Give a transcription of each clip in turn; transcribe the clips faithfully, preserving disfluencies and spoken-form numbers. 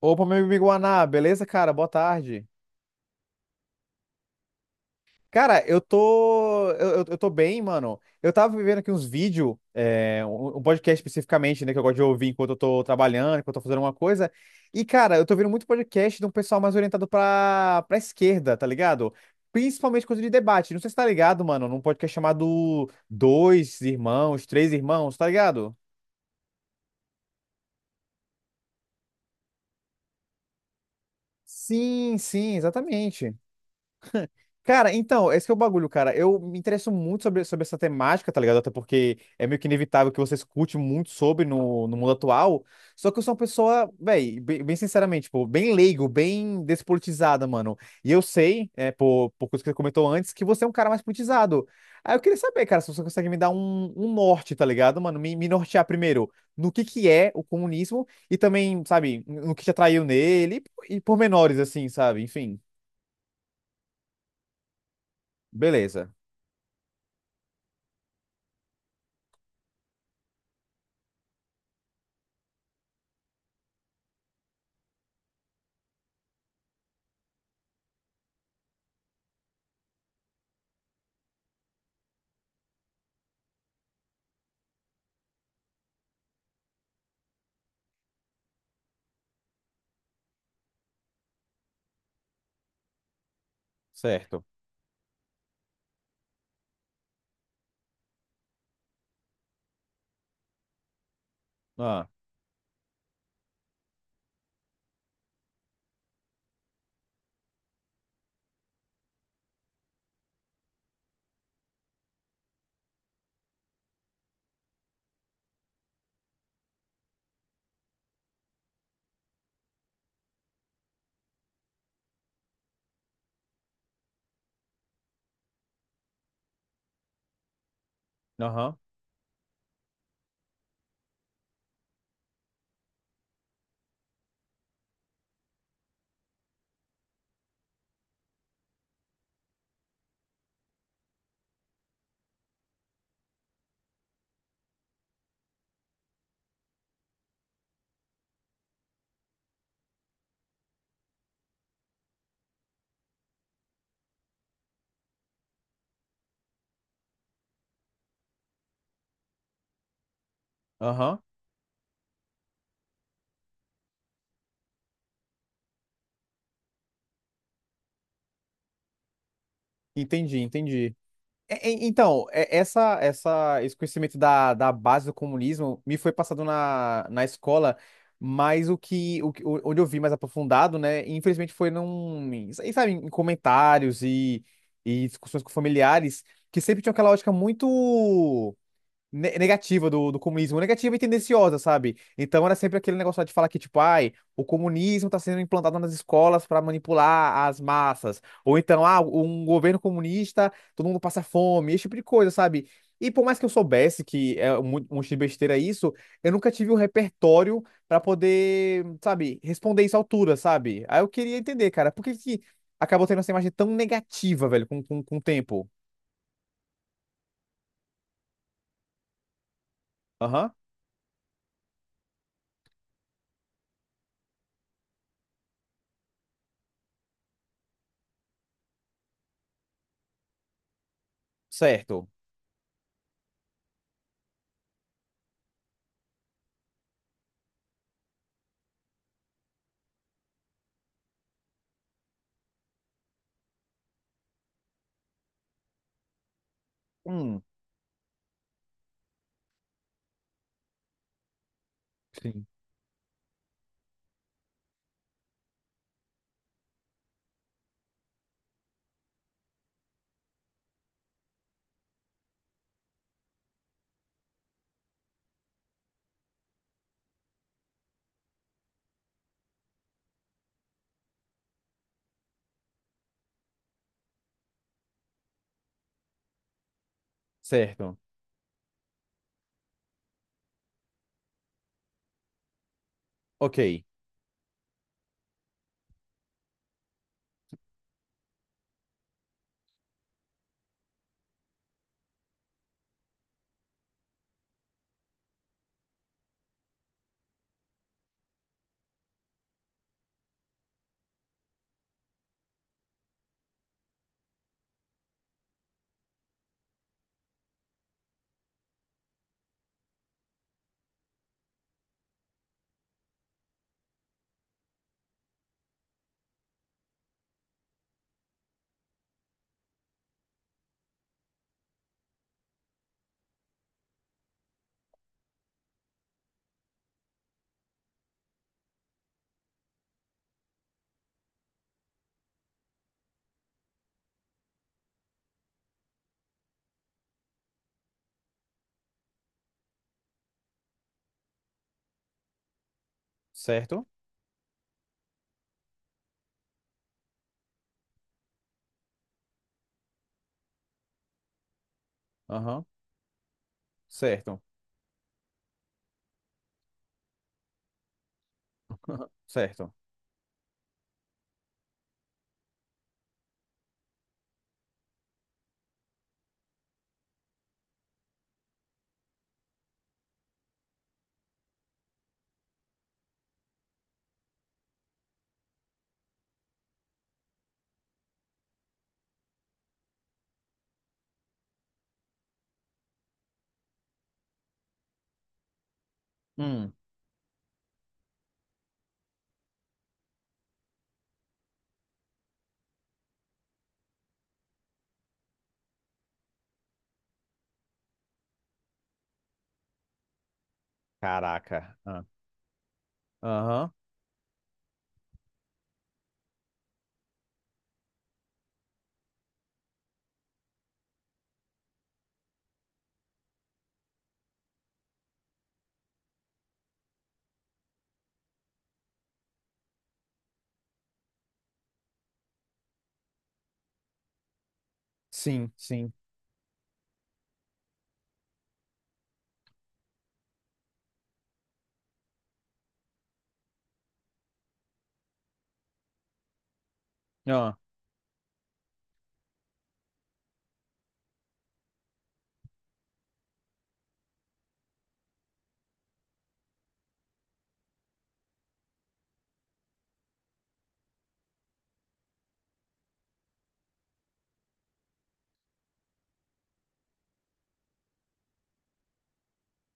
Opa, meu amigo Guaná, beleza, cara? Boa tarde. Cara, eu tô. Eu, eu, eu tô bem, mano. Eu tava vivendo aqui uns vídeos, um, um podcast especificamente, né? Que eu gosto de ouvir enquanto eu tô trabalhando, enquanto eu tô fazendo uma coisa. E, cara, eu tô vendo muito podcast de um pessoal mais orientado pra, pra esquerda, tá ligado? Principalmente coisa de debate. Não sei se tá ligado, mano, num podcast chamado Dois Irmãos, Três Irmãos, tá ligado? Sim, sim, exatamente. Cara, então, esse que é o bagulho, cara. Eu me interesso muito sobre, sobre essa temática, tá ligado? Até porque é meio que inevitável que você escute muito sobre no, no mundo atual. Só que eu sou uma pessoa, véi, bem, bem sinceramente, tipo, bem leigo, bem despolitizada, mano. E eu sei, é, por, por coisa que você comentou antes, que você é um cara mais politizado. Aí eu queria saber, cara, se você consegue me dar um, um norte, tá ligado, mano? Me, me nortear primeiro no que que é o comunismo e também, sabe, no que te atraiu nele e, e pormenores, assim, sabe? Enfim, beleza, certo. Ah, aham, aham. Entendi, entendi. É, é, então, é- essa, essa, esse conhecimento da, da base do comunismo me foi passado na, na escola, mas o que, o, que- o- onde eu vi mais aprofundado, né, infelizmente foi num, em- sabe, em comentários e, e discussões com familiares, que sempre tinham aquela lógica muito. Ne- negativa do, do comunismo, negativa e tendenciosa, sabe? Então era sempre aquele negócio lá de falar que, tipo, ai, o comunismo tá sendo implantado nas escolas para manipular as massas, ou então, ah, um governo comunista, todo mundo passa fome, esse tipo de coisa, sabe? E por mais que eu soubesse que é um um monte de besteira isso, eu nunca tive um repertório para poder, sabe, responder isso à altura, sabe? Aí eu queria entender, cara, por que que acabou tendo essa imagem tão negativa, velho, com, com, com o tempo? Aham, certo. Hum, sim. Certo. Ok. Certo? Aham. Certo. Certo. Hum. Caraca. Ah. Aham. Sim, sim. Ah.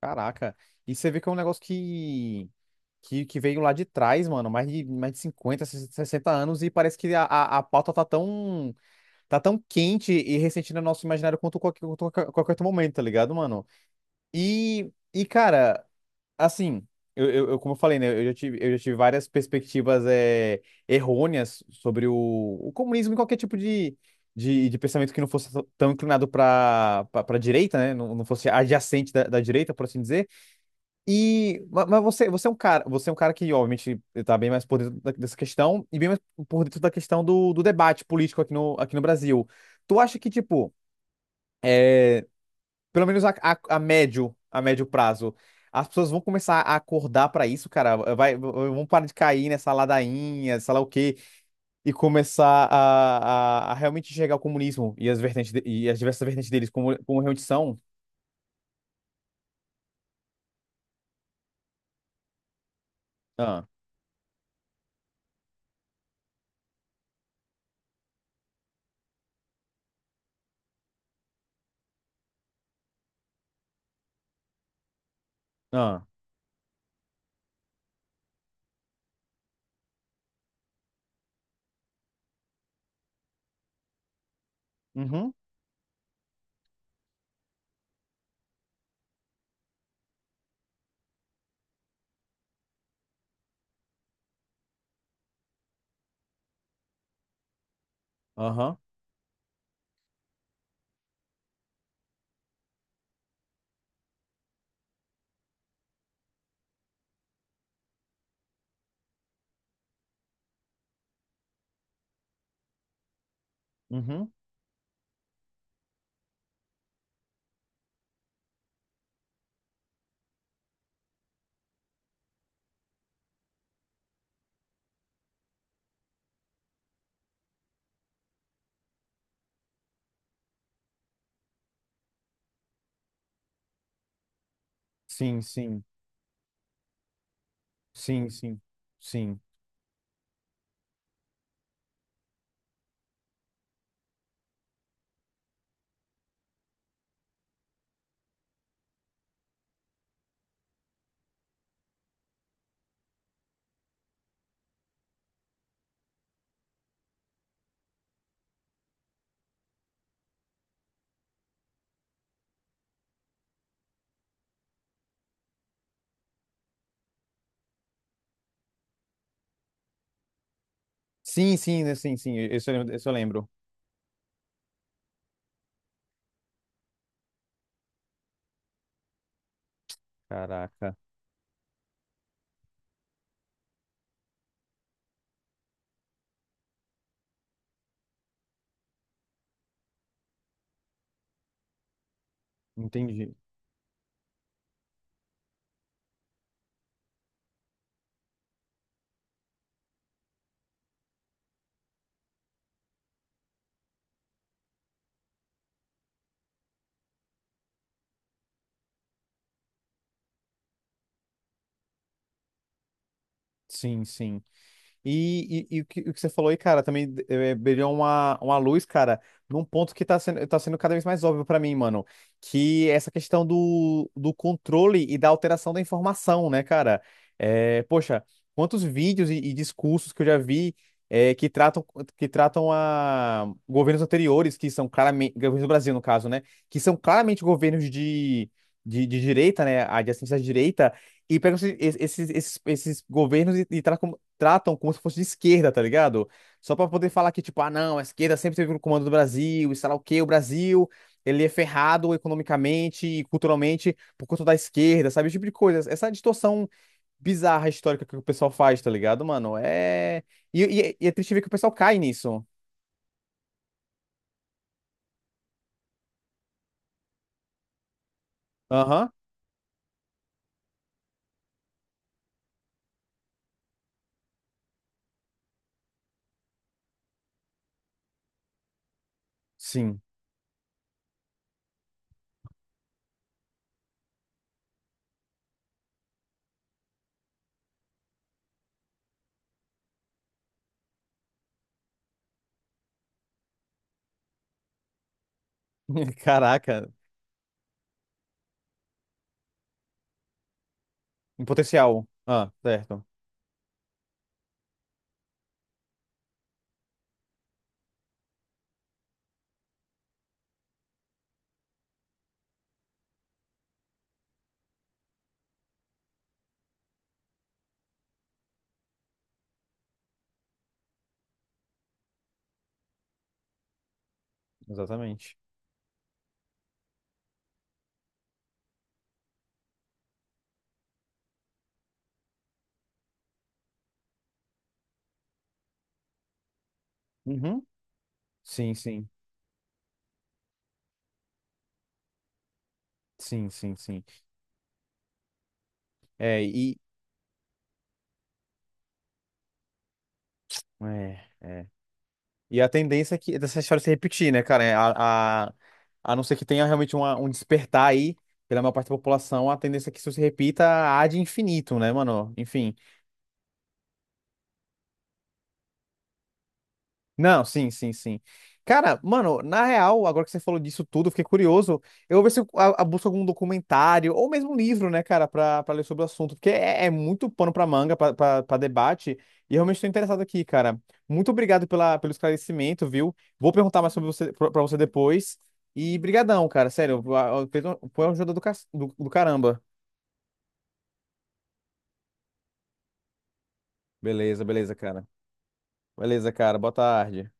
Caraca. E você vê que é um negócio que, que, que veio lá de trás, mano. Mais de, mais de cinquenta, sessenta anos. E parece que a, a, a pauta tá tão, tá tão quente e recente no nosso imaginário quanto qualquer, quanto qualquer, qualquer outro momento, tá ligado, mano? E, e cara, assim, eu, eu, eu- como eu falei, né, eu já tive, eu já tive várias perspectivas é, errôneas sobre o, o comunismo e qualquer tipo de, de, de pensamento que não fosse t- tão inclinado para para direita, né, não, não fosse adjacente da, da direita, por assim dizer. E, ma- mas você, você é um cara, você é um cara que, obviamente, está bem mais por dentro da- dessa questão e bem mais por dentro da questão do, do debate político aqui no, aqui no Brasil. Tu acha que, tipo, pelo menos a, a, a médio, a médio prazo, as pessoas vão começar a acordar pra isso, cara. Vai, vão parar de cair nessa ladainha, sei lá o quê, e começar a, a, a realmente enxergar o comunismo e as vertentes de- e as diversas vertentes deles como, como realmente são. Ah, ah, uhum, aham, uhum. Sim, sim, sim, sim, sim. Sim, sim, né, sim, sim, isso eu lembro. Isso eu lembro. Caraca, entendi. Sim, sim. E, e, e o que, o que você falou aí, cara, também eh, brilhou uma, uma luz, cara, num ponto que tá sendo, tá sendo cada vez mais óbvio pra mim, mano, que é essa questão do, do controle e da alteração da informação, né, cara? Eh, poxa, quantos vídeos e, e discursos que eu já vi eh, que tratam, que tratam a governos anteriores, que são claramente, governos do Brasil, no caso, né, que são claramente governos de, de, de direita, né, a de assistência à direita, e pegam esses, esses, esses esses governos e, e tratam, tratam como se fosse de esquerda, tá ligado? Só pra poder falar que, tipo, ah, não, a esquerda sempre teve o comando do Brasil, e sei lá o quê, o Brasil, ele é ferrado economicamente e culturalmente por conta da esquerda, sabe? Esse tipo de coisa. Essa distorção bizarra histórica que o pessoal faz, tá ligado, mano? É. E, e- e é triste ver que o pessoal cai nisso. Aham, sim. Caraca, em potencial. Ah, certo. Exatamente. Uhum. Sim, sim. Sim, sim, sim. É, e. É, é. E a tendência é que dessa história se repetir, né, cara? É, A, a, a não ser que tenha realmente uma- um despertar aí pela maior parte da população, a tendência é que isso se repita há de infinito, né, mano? Enfim. Não, sim, sim, sim. Cara, mano, na real, agora que você falou disso tudo, eu fiquei curioso. Eu vou ver se eu a- a- busco algum documentário ou mesmo um livro, né, cara, pra, pra ler sobre o assunto, porque é, é muito pano pra manga, pra, pra, pra debate, e realmente estou interessado aqui, cara. Muito obrigado pela, pelo esclarecimento, viu? Vou perguntar mais sobre você, pra, pra você depois. E brigadão, cara, sério, a- a- foi uma foi uma ajuda do, ca- do do caramba. Beleza, beleza, cara. Beleza, cara, boa tarde.